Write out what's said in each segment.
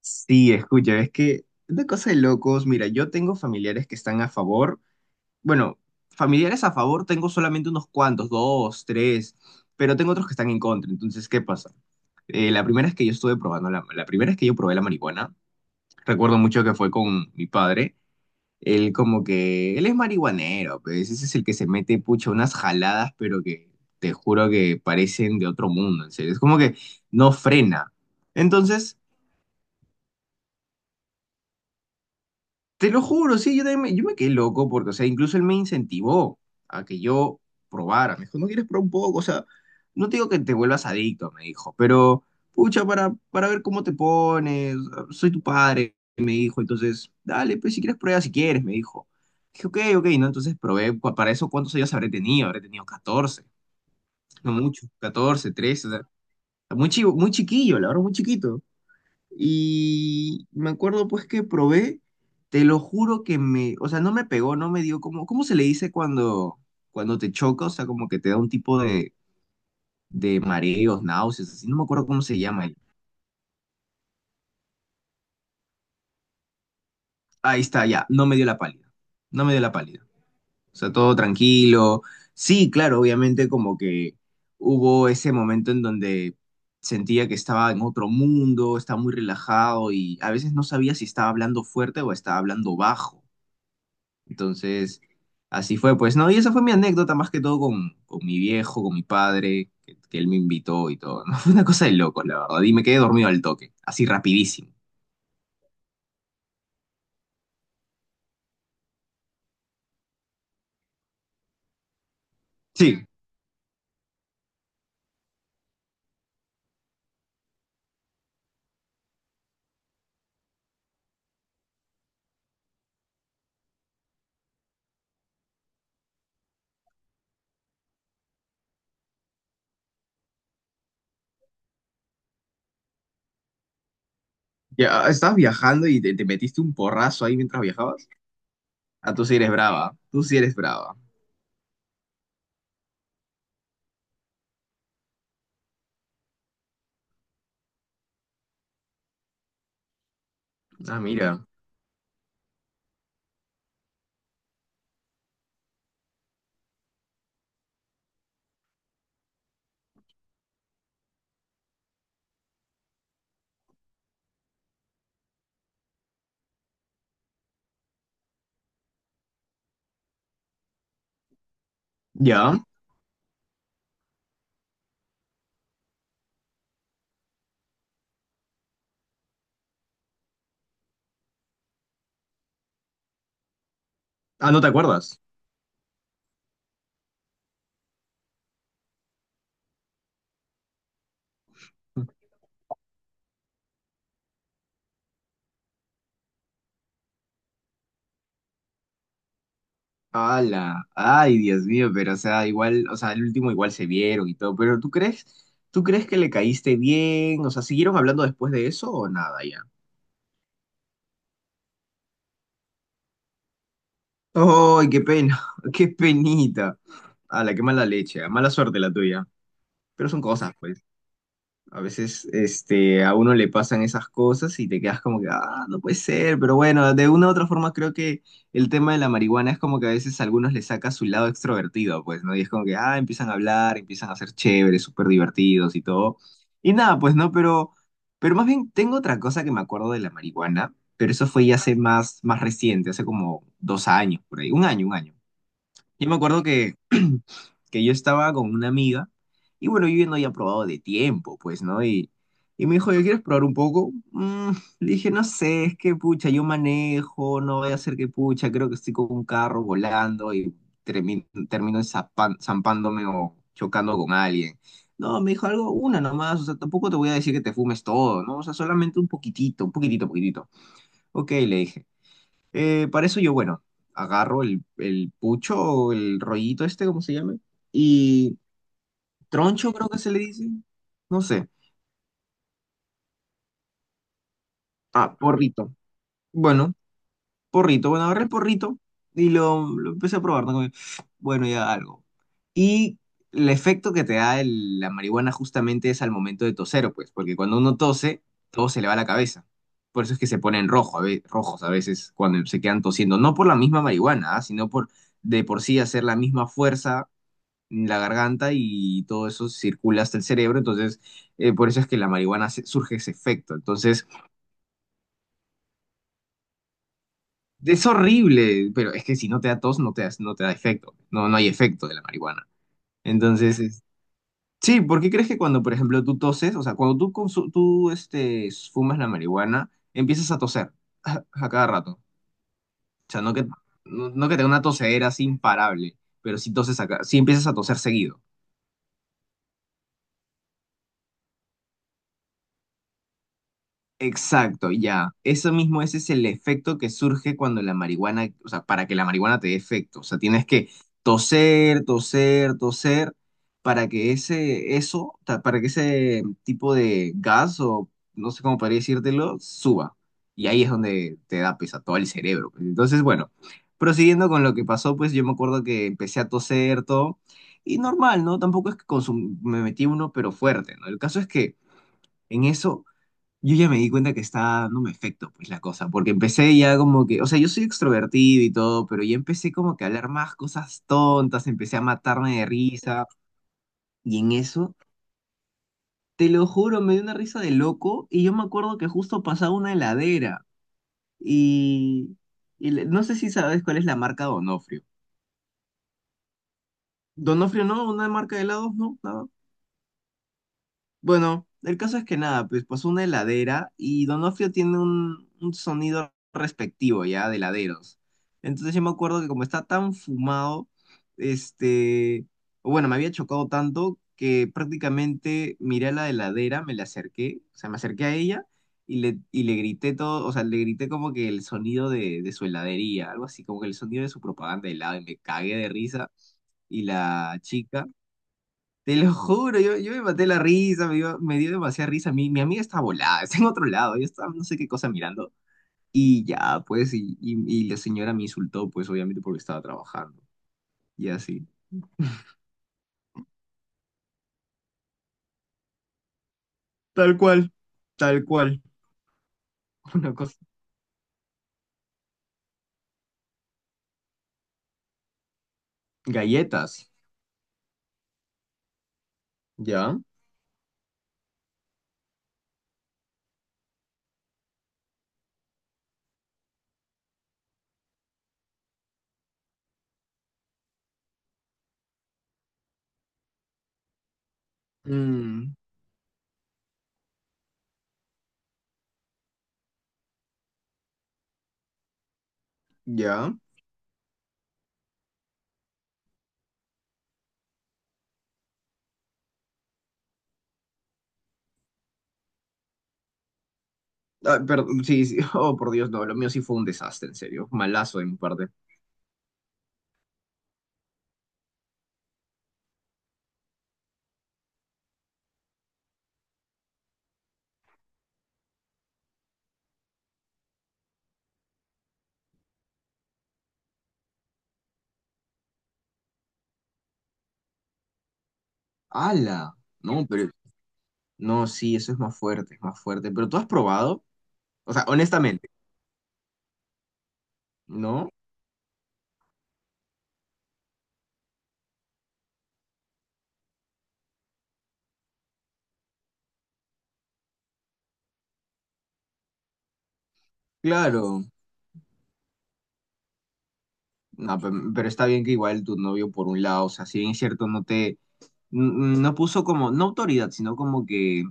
Sí, escucha, es que es una cosa de locos. Mira, yo tengo familiares que están a favor. Bueno, familiares a favor tengo solamente unos cuantos, dos, tres, pero tengo otros que están en contra. Entonces, ¿qué pasa? La primera es que yo probé la marihuana. Recuerdo mucho que fue con mi padre. Él como que él es marihuanero, pues ese es el que se mete pucha unas jaladas, pero que te juro que parecen de otro mundo, en serio. Es como que no frena. Entonces, te lo juro, sí, yo me quedé loco porque, o sea, incluso él me incentivó a que yo probara. Me dijo, ¿no quieres probar un poco? O sea, no te digo que te vuelvas adicto, me dijo, pero, pucha, para ver cómo te pones, soy tu padre, me dijo, entonces, dale, pues si quieres prueba, si quieres, me dijo. Dije, ok, ok, ¿no? Entonces probé, para eso, ¿cuántos años habré tenido? Habré tenido 14, no mucho, 14, 13. O sea, muy chivo, muy chiquillo, la verdad, muy chiquito. Y me acuerdo pues que probé, te lo juro que me, o sea, no me pegó, no me dio como, ¿cómo se le dice cuando, te choca? O sea, como que te da un tipo de mareos, náuseas, así, no me acuerdo cómo se llama. Ahí está, ya, no me dio la pálida, no me dio la pálida. O sea, todo tranquilo. Sí, claro, obviamente como que hubo ese momento en donde sentía que estaba en otro mundo, estaba muy relajado y a veces no sabía si estaba hablando fuerte o estaba hablando bajo. Entonces, así fue, pues, ¿no? Y esa fue mi anécdota más que todo con mi viejo, con mi padre, que él me invitó y todo, ¿no? Fue una cosa de locos, la verdad. Y me quedé dormido al toque, así rapidísimo. Sí, ya estabas viajando y te metiste un porrazo ahí mientras viajabas. Ah, tú sí eres brava, tú sí eres brava. Ah, mira. ¿Ya? Ah, ¿no te acuerdas? Hala, ay, Dios mío, pero o sea, igual, o sea, el último igual se vieron y todo, pero ¿tú crees que le caíste bien? O sea, ¿siguieron hablando después de eso o nada? ¡Ay, qué pena! ¡Qué penita! ¡Hala, qué mala leche! ¿Eh? Mala suerte la tuya. Pero son cosas, pues. A veces este, a uno le pasan esas cosas y te quedas como que, ah, no puede ser. Pero bueno, de una u otra forma creo que el tema de la marihuana es como que a veces a algunos le saca su lado extrovertido, pues, ¿no? Y es como que, ah, empiezan a hablar, empiezan a ser chéveres, súper divertidos y todo. Y nada, pues, ¿no? Pero más bien tengo otra cosa que me acuerdo de la marihuana, pero eso fue ya hace más, más reciente, hace como 2 años, por ahí. 1 año, 1 año. Yo me acuerdo que, que yo estaba con una amiga y bueno, yo ya no había probado de tiempo, pues, ¿no? Y me dijo, ¿yo quieres probar un poco? Mm, le dije, no sé, es que pucha, yo manejo, no voy a hacer que pucha, creo que estoy con un carro volando y termino zampándome o chocando con alguien. No, me dijo algo, una nomás, o sea, tampoco te voy a decir que te fumes todo, ¿no? O sea, solamente un poquitito, poquitito. Ok, le dije. Para eso yo, bueno, agarro el pucho o el rollito este, cómo se llame, y troncho creo que se le dice, no sé. Ah, porrito. Bueno, porrito. Bueno, agarré el porrito y lo empecé a probar, ¿no? Como que, bueno, ya algo. Y el efecto que te da el- la marihuana justamente es al momento de toser, pues, porque cuando uno tose, todo se le va a la cabeza. Por eso es que se ponen rojo, rojos a veces cuando se quedan tosiendo, no por la misma marihuana, ah, sino por de por sí hacer la misma fuerza en la garganta y todo eso circula hasta el cerebro, entonces, por eso es que la marihuana surge ese efecto. Entonces, es horrible, pero es que si no te da tos, no te da, no te da efecto, no, no hay efecto de la marihuana. Entonces, es- sí, ¿por qué crees que cuando, por ejemplo, tú toses, o sea, cuando tú, tú este, fumas la marihuana, empiezas a toser a cada rato? O sea, no que, no, no que tenga una tosedera así imparable, pero sí toses acá, sí empiezas a toser seguido. Exacto, ya. Eso mismo, ese es el efecto que surge cuando la marihuana, o sea, para que la marihuana te dé efecto. O sea, tienes que toser, toser, toser, para que ese, eso, para que ese tipo de gas, o no sé cómo podría decírtelo, suba. Y ahí es donde te da pesa todo el cerebro, pues. Entonces, bueno, prosiguiendo con lo que pasó, pues yo me acuerdo que empecé a toser todo. Y normal, ¿no? Tampoco es que me metí uno, pero fuerte, ¿no? El caso es que en eso yo ya me di cuenta que está dándome efecto, pues la cosa, porque empecé ya como que, o sea, yo soy extrovertido y todo, pero ya empecé como que a hablar más cosas tontas, empecé a matarme de risa, y en eso, te lo juro, me dio una risa de loco, y yo me acuerdo que justo pasaba una heladera, y, y le- no sé si sabes cuál es la marca Donofrio. Donofrio no, una marca de helados, no. Bueno, el caso es que nada, pues pasó una heladera y Donofrio tiene un sonido respectivo ya de heladeros. Entonces yo me acuerdo que como está tan fumado, este, bueno, me había chocado tanto que prácticamente miré a la heladera, me le acerqué, o sea, me acerqué a ella y le grité todo, o sea, le grité como que el sonido de su heladería, algo así, como que el sonido de su propaganda de helado y me cagué de risa y la chica, te lo juro, yo me maté la risa, me dio demasiada risa. Mi amiga está volada, está en otro lado, yo estaba no sé qué cosa mirando. Y ya, pues, y la señora me insultó, pues, obviamente porque estaba trabajando. Y así. Tal cual, tal cual. Una cosa. Galletas, ¿ya? Mm, ¿ya? Ah, perdón, sí, sí. Oh, por Dios, no, lo mío sí fue un desastre, en serio. Malazo de mi parte. ¡Hala! No, pero... No, sí, eso es más fuerte, es más fuerte. Pero tú has probado, o sea, honestamente, ¿no? Claro. No, pe- pero está bien que igual tu novio, por un lado, o sea, si bien es cierto, no te, no puso como, no autoridad, sino como que,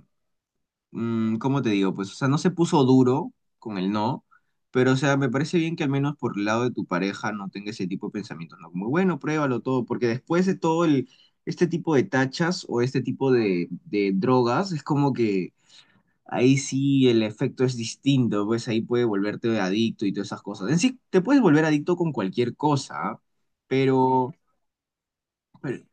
mm, ¿cómo te digo? Pues, o sea, no se puso duro con el no, pero, o sea, me parece bien que al menos por el lado de tu pareja no tenga ese tipo de pensamientos, ¿no? Como, bueno, pruébalo todo, porque después de todo el, este tipo de tachas o este tipo de drogas, es como que ahí sí el efecto es distinto, pues ahí puede volverte adicto y todas esas cosas. En sí, te puedes volver adicto con cualquier cosa, ¿ah? pero, pero,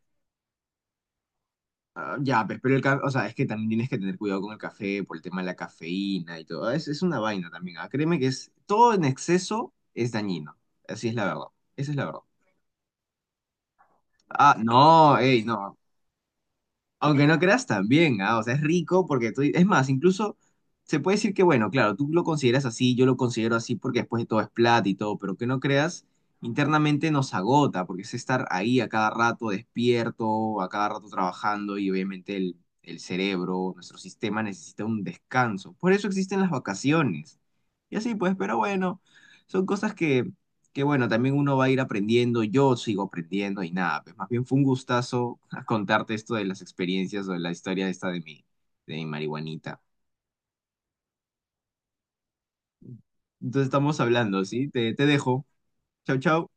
ah, ya, pues, pero el café, o sea, es que también tienes que tener cuidado con el café por el tema de la cafeína y todo. Es una vaina también, ¿ah? Créeme que es, todo en exceso es dañino. Así es la verdad. Esa es la verdad. Ah, no, ey, no. Aunque no creas también, ah, o sea, es rico porque tú, es más, incluso se puede decir que, bueno, claro, tú lo consideras así, yo lo considero así porque después de todo es plata y todo, pero que no creas, internamente nos agota porque es estar ahí a cada rato despierto, a cada rato trabajando y obviamente el cerebro, nuestro sistema necesita un descanso. Por eso existen las vacaciones. Y así pues, pero bueno, son cosas que bueno, también uno va a ir aprendiendo, yo sigo aprendiendo y nada, pues más bien fue un gustazo contarte esto de las experiencias o de la historia esta de mi marihuanita. Entonces estamos hablando, ¿sí? Te dejo. Chau, chau.